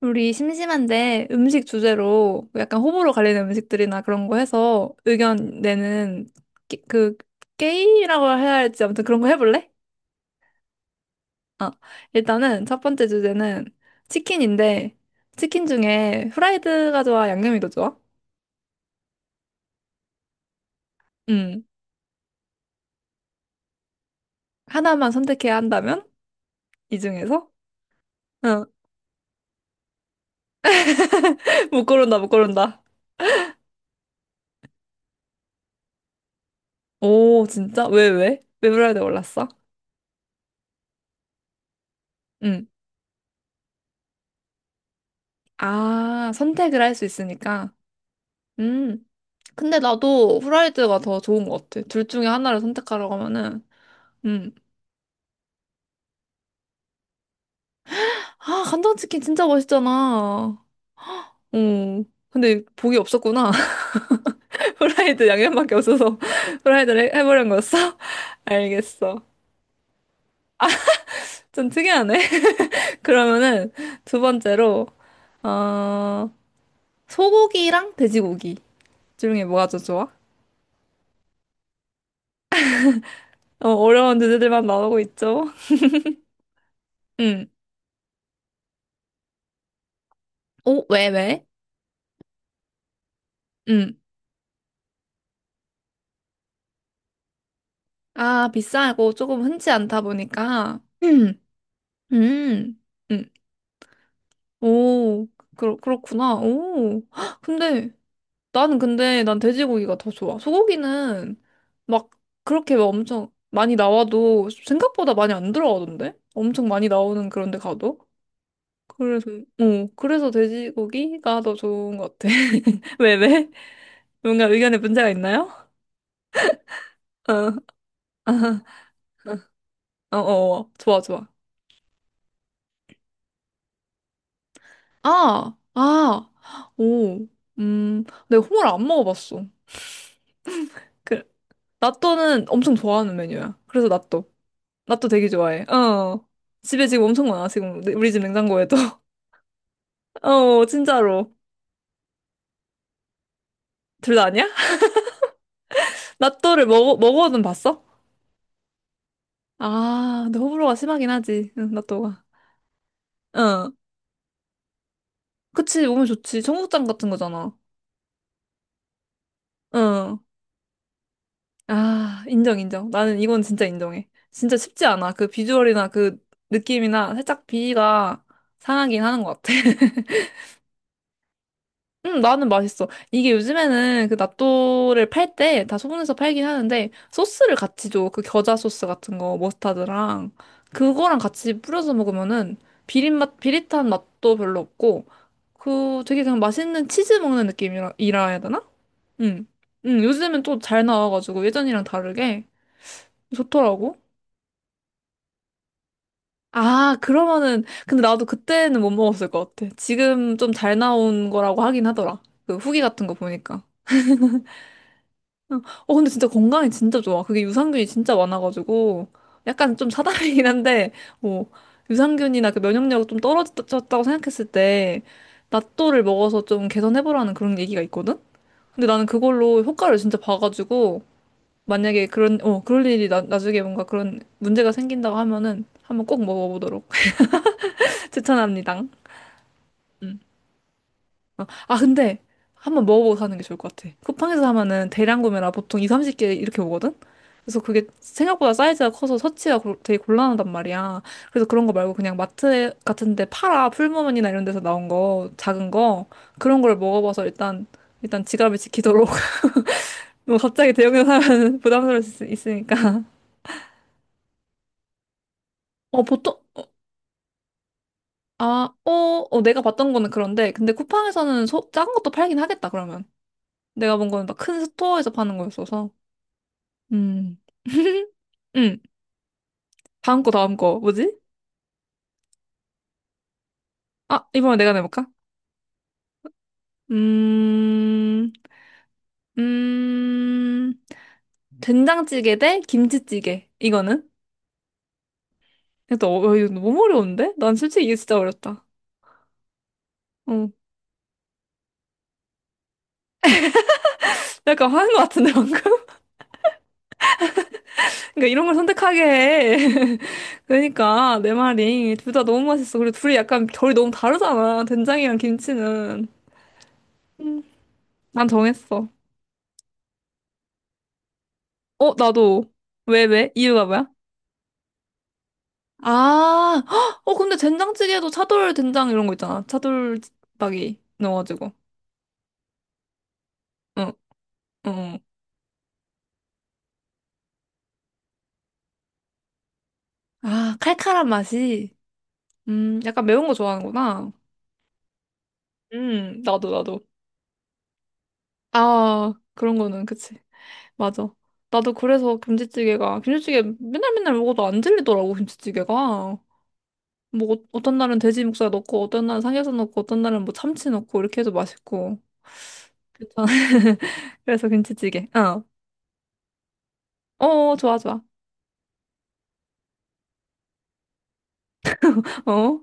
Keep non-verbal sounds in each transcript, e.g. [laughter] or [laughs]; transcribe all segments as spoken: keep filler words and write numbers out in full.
우리 심심한데 음식 주제로 약간 호불호 갈리는 음식들이나 그런 거 해서 의견 내는 게, 그 게임이라고 해야 할지 아무튼 그런 거 해볼래? 어. 일단은 첫 번째 주제는 치킨인데 치킨 중에 후라이드가 좋아, 양념이 더 좋아? 음. 하나만 선택해야 한다면 이 중에서? 어. [laughs] 못 고른다, 못 고른다. 오, 진짜? 왜, 왜? 왜 후라이드 골랐어? 음. 아, 선택을 할 수 있으니까. 음. 근데 나도 후라이드가 더 좋은 것 같아. 둘 중에 하나를 선택하라고 하면은, 음. 아, 간장치킨 진짜 맛있잖아. 어. 근데 복이 없었구나. [laughs] 후라이드 양념밖에 없어서 [laughs] 후라이드를 해- 해보려는 거였어? [laughs] 알겠어. 좀 특이하네. [laughs] 그러면은 두 번째로, 어, 소고기랑 돼지고기 중에 뭐가 더 좋아? 어, 어려운 주제들만 나오고 있죠? 음. 오, 왜, 왜? 음. 아, 비싸고 조금 흔치 않다 보니까. [clears throat] 음, 음, 오, 그, 그렇구나. 오, 헉, 근데 나는 근데 난 돼지고기가 더 좋아. 소고기는 막 그렇게 막 엄청 많이 나와도 생각보다 많이 안 들어가던데? 엄청 많이 나오는 그런 데 가도? 그래서, 어, 그래서 돼지고기가 더 좋은 것 같아. [laughs] 왜, 왜? 뭔가 의견에 문제가 있나요? 어, [laughs] 아, 어, 어, 어, 좋아, 좋아. 아, 아, 오, 음, 내가 홍어를 안 먹어봤어. 라또는 엄청 좋아하는 메뉴야. 그래서 라또. 라또 되게 좋아해. 어. 집에 지금 엄청 많아, 지금. 내- 우리 집 냉장고에도. [laughs] 어, 진짜로. 둘 다 아니야? [laughs] 라또를 먹어, 먹어는 봤어? 아, 근데 호불호가 심하긴 하지. 응, 라또가. 어. 그치, 몸에 좋지. 청국장 같은 거잖아. 어. 아, 인정, 인정. 나는 이건 진짜 인정해. 진짜 쉽지 않아. 그 비주얼이나 그 느낌이나 살짝 비위가 상하긴 하는 것 같아. [laughs] 음, 나는 맛있어. 이게 요즘에는 그 낫또를 팔 때 다 소분해서 팔긴 하는데 소스를 같이 줘. 그 겨자 소스 같은 거, 머스타드랑 그거랑 같이 뿌려서 먹으면은 비린 맛, 비릿한 맛도 별로 없고 그 되게 그냥 맛있는 치즈 먹는 느낌이라 이라 해야 되나? 응. 응, 요즘엔 또 잘 나와가지고 예전이랑 다르게 좋더라고. 아, 그러면은 근데 나도 그때는 못 먹었을 것 같아. 지금 좀 잘 나온 거라고 하긴 하더라. 그 후기 같은 거 보니까. 응. 어, 근데 진짜 건강에 진짜 좋아. 그게 유산균이 진짜 많아가지고, 약간 좀 사담이긴 한데, 뭐, 유산균이나 그 면역력 좀 떨어졌다고 생각했을 때, 낫또를 먹어서 좀 개선해보라는 그런 얘기가 있거든? 근데 나는 그걸로 효과를 진짜 봐가지고, 만약에 그런, 어, 그럴 일이 나, 나중에 뭔가 그런 문제가 생긴다고 하면은, 한번 꼭 먹어보도록 [laughs] 추천합니다. 음. 어, 아, 근데 한번 먹어보고 사는 게 좋을 것 같아. 쿠팡에서 사면은 대량 구매라 보통 이, 삼십 개 이렇게 오거든? 그래서 그게 생각보다 사이즈가 커서 서치가 고- 되게 곤란하단 말이야. 그래서 그런 거 말고 그냥 마트 같은 데 팔아. 풀무원이나 이런 데서 나온 거, 작은 거. 그런 걸 먹어봐서 일단, 일단 지갑을 지키도록. [laughs] 뭐 갑자기 대형에서 사면 [laughs] 부담스러울 수 있- 있으니까. 어, 보통, 아, 어, 어, 내가 봤던 거는 그런데. 근데 쿠팡에서는 소, 작은 것도 팔긴 하겠다, 그러면. 내가 본 거는 막 큰 스토어에서 파는 거였어서. 음. [laughs] 음. 다음 거, 다음 거. 뭐지? 아, 이번에 내가 내볼까? 음, 음, 된장찌개 대 김치찌개. 이거는? 또, 어, 이거 너무 어려운데? 난 솔직히 이게 진짜 어렵다. 어, 약간 화난 것 같은데, 방금? [laughs] 그러니까 이런 걸 선택하게 해. [laughs] 그러니까, 내 말이. 둘 다 너무 맛있어. 그리고 둘이 약간 결이 너무 다르잖아. 된장이랑 김치는. 난 정했어. 어, 나도. 왜, 왜? 이유가 뭐야? 아, 헉! 어, 근데 된장찌개도 차돌 된장 이런 거 있잖아. 차돌박이 넣어가지고. 어, 어, 어. 아, 칼칼한 맛이. 음, 약간 매운 거 좋아하는구나. 음, 나도, 나도. 아, 그런 거는, 그치. 맞아. 나도 그래서 김치찌개가, 김치찌개 맨날 맨날 먹어도 안 질리더라고, 김치찌개가. 뭐, 어- 어떤 날은 돼지 목살 넣고, 어떤 날은 삼겹살 넣고, 어떤 날은 뭐 참치 넣고, 이렇게 해도 맛있고. 괜찮아. [laughs] 그래서 김치찌개. 어. 어, 좋아, 좋아. 어?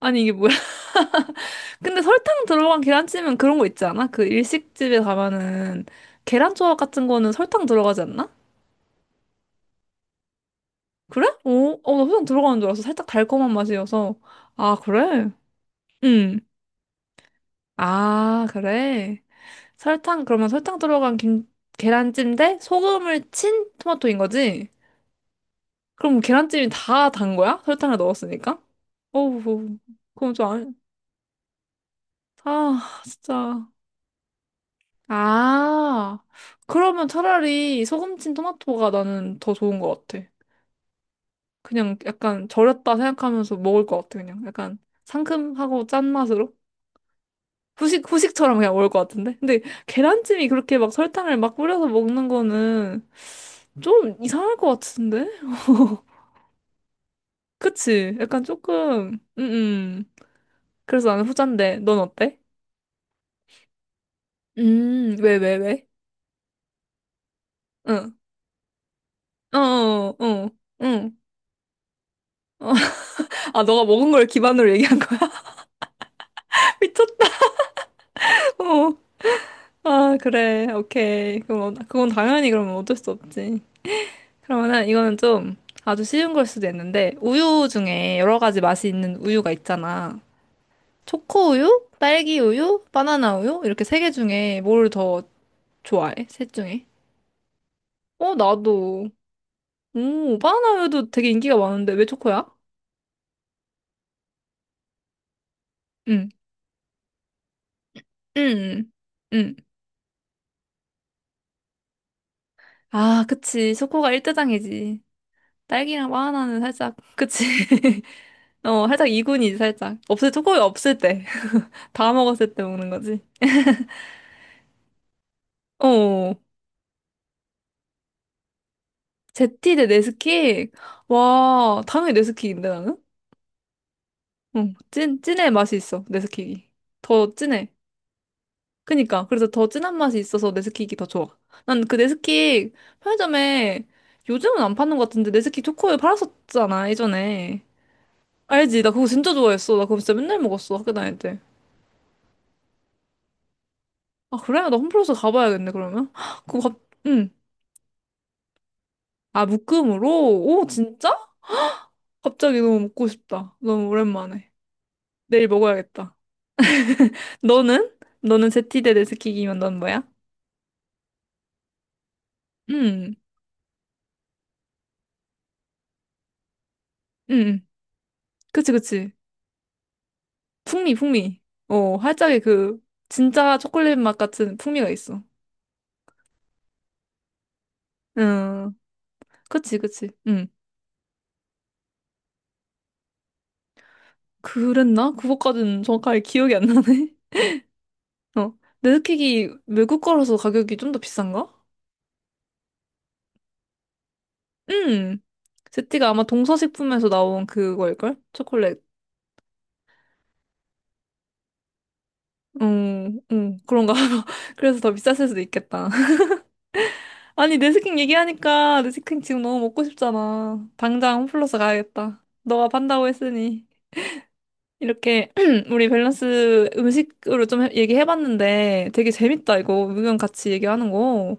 아니 이게 뭐야? [laughs] 근데 설탕 들어간 계란찜은 그런 거 있지 않아? 그 일식집에 가면은 계란 조각 같은 거는 설탕 들어가지 않나? 그래? 어, 어, 나 설탕 들어가는 줄 알았어. 살짝 달콤한 맛이어서. 아, 그래? 응. 아, 그래. 설탕 그러면 설탕 들어간 김 계란찜 대 소금을 친 토마토인 거지? 그럼 계란찜이 다 단 거야? 설탕을 넣었으니까? 어우, 그럼 좀 안, 아, 진짜. 아, 그러면 차라리 소금친 토마토가 나는 더 좋은 것 같아. 그냥 약간 절였다 생각하면서 먹을 것 같아, 그냥. 약간 상큼하고 짠 맛으로. 후식, 후식처럼 그냥 먹을 것 같은데? 근데 계란찜이 그렇게 막 설탕을 막 뿌려서 먹는 거는 좀 이상할 것 같은데? [laughs] 그치? 약간 조금, 음, 음. 그래서 나는 후잔데, 넌 어때? 음, 왜, 왜, 왜? 응. 어, 어, 어, 응. 어. [laughs] 아, 너가 먹은 걸 기반으로 얘기한 거야? [laughs] 미쳤다. 어, 아, 그래. 오케이. 그럼, 어- 그건 당연히 그러면 어쩔 수 없지. 그러면은 이거는 좀 아주 쉬운 걸 수도 있는데, 우유 중에 여러 가지 맛이 있는 우유가 있잖아. 초코 우유, 딸기 우유, 바나나 우유? 이렇게 세 개 중에 뭘 더 좋아해? 셋 중에? 어, 나도. 오, 바나나 우유도 되게 인기가 많은데 왜 초코야? 응, 응, 응. 아, 그치. 초코가 일대장이지. 딸기랑 바나나는 살짝, 그치. [laughs] 어, 살짝 이군이지, 살짝. 없을, 때, 거의 없을 때. [laughs] 다 먹었을 때 먹는 거지. 어, 제티 대 네스킥. 와, 당연히 네스킥인데, 나는? 응, 찐, 찐의 맛이 있어, 네스킥이. 더 진해. 그니까, 그래서 더 진한 맛이 있어서 네스킥이 더 좋아. 난 그 네스킥 편의점에 요즘은 안 파는 것 같은데, 네스킥 초코우유 팔았었잖아, 예전에. 알지? 나 그거 진짜 좋아했어. 나 그거 진짜 맨날 먹었어, 학교 다닐 때. 아, 그래? 나 홈플러스 가봐야겠네, 그러면. [gasps] 그거 갑, 응. 아, 묶음으로? 오, 진짜? 갑자기 너무 먹고 싶다. 너무 오랜만에. 내일 먹어야겠다. [laughs] 너는? 너는 제티대 네스키기면 넌 뭐야? 음, 음, 음. 그치, 그치. 풍미, 풍미. 어, 활짝의 그, 진짜 초콜릿 맛 같은 풍미가 있어. 음, 그치, 그치. 음. 그랬나? 그거까지는 정확하게 기억이 안 나네. [laughs] 어. 네스킥이 외국 거라서 가격이 좀 더 비싼가? 음. 제티가 아마 동서식품에서 나온 그거일걸? 초콜릿. 음, 음, 그런가 봐. [laughs] 그래서 더 비쌌을 수도 있겠다. [laughs] 아니, 내스킨 얘기하니까 내스킨 지금 너무 먹고 싶잖아. 당장 홈플러스 가야겠다. 너가 판다고 했으니. 이렇게 [clears throat] 우리 밸런스 음식으로 좀 해- 얘기해봤는데 되게 재밌다, 이거. 의견 같이 얘기하는 거.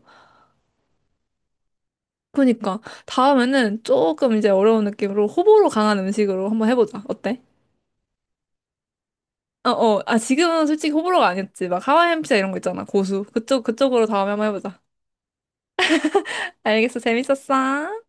그러니까 다음에는 조금 이제 어려운 느낌으로 호불호 강한 음식으로 한번 해보자. 어때? 어, 어. 아, 지금은 솔직히 호불호가 아니었지. 막 하와이안 피자 이런 거 있잖아. 고수. 그쪽, 그쪽으로 다음에 한번 해보자. 알겠어. 재밌었어.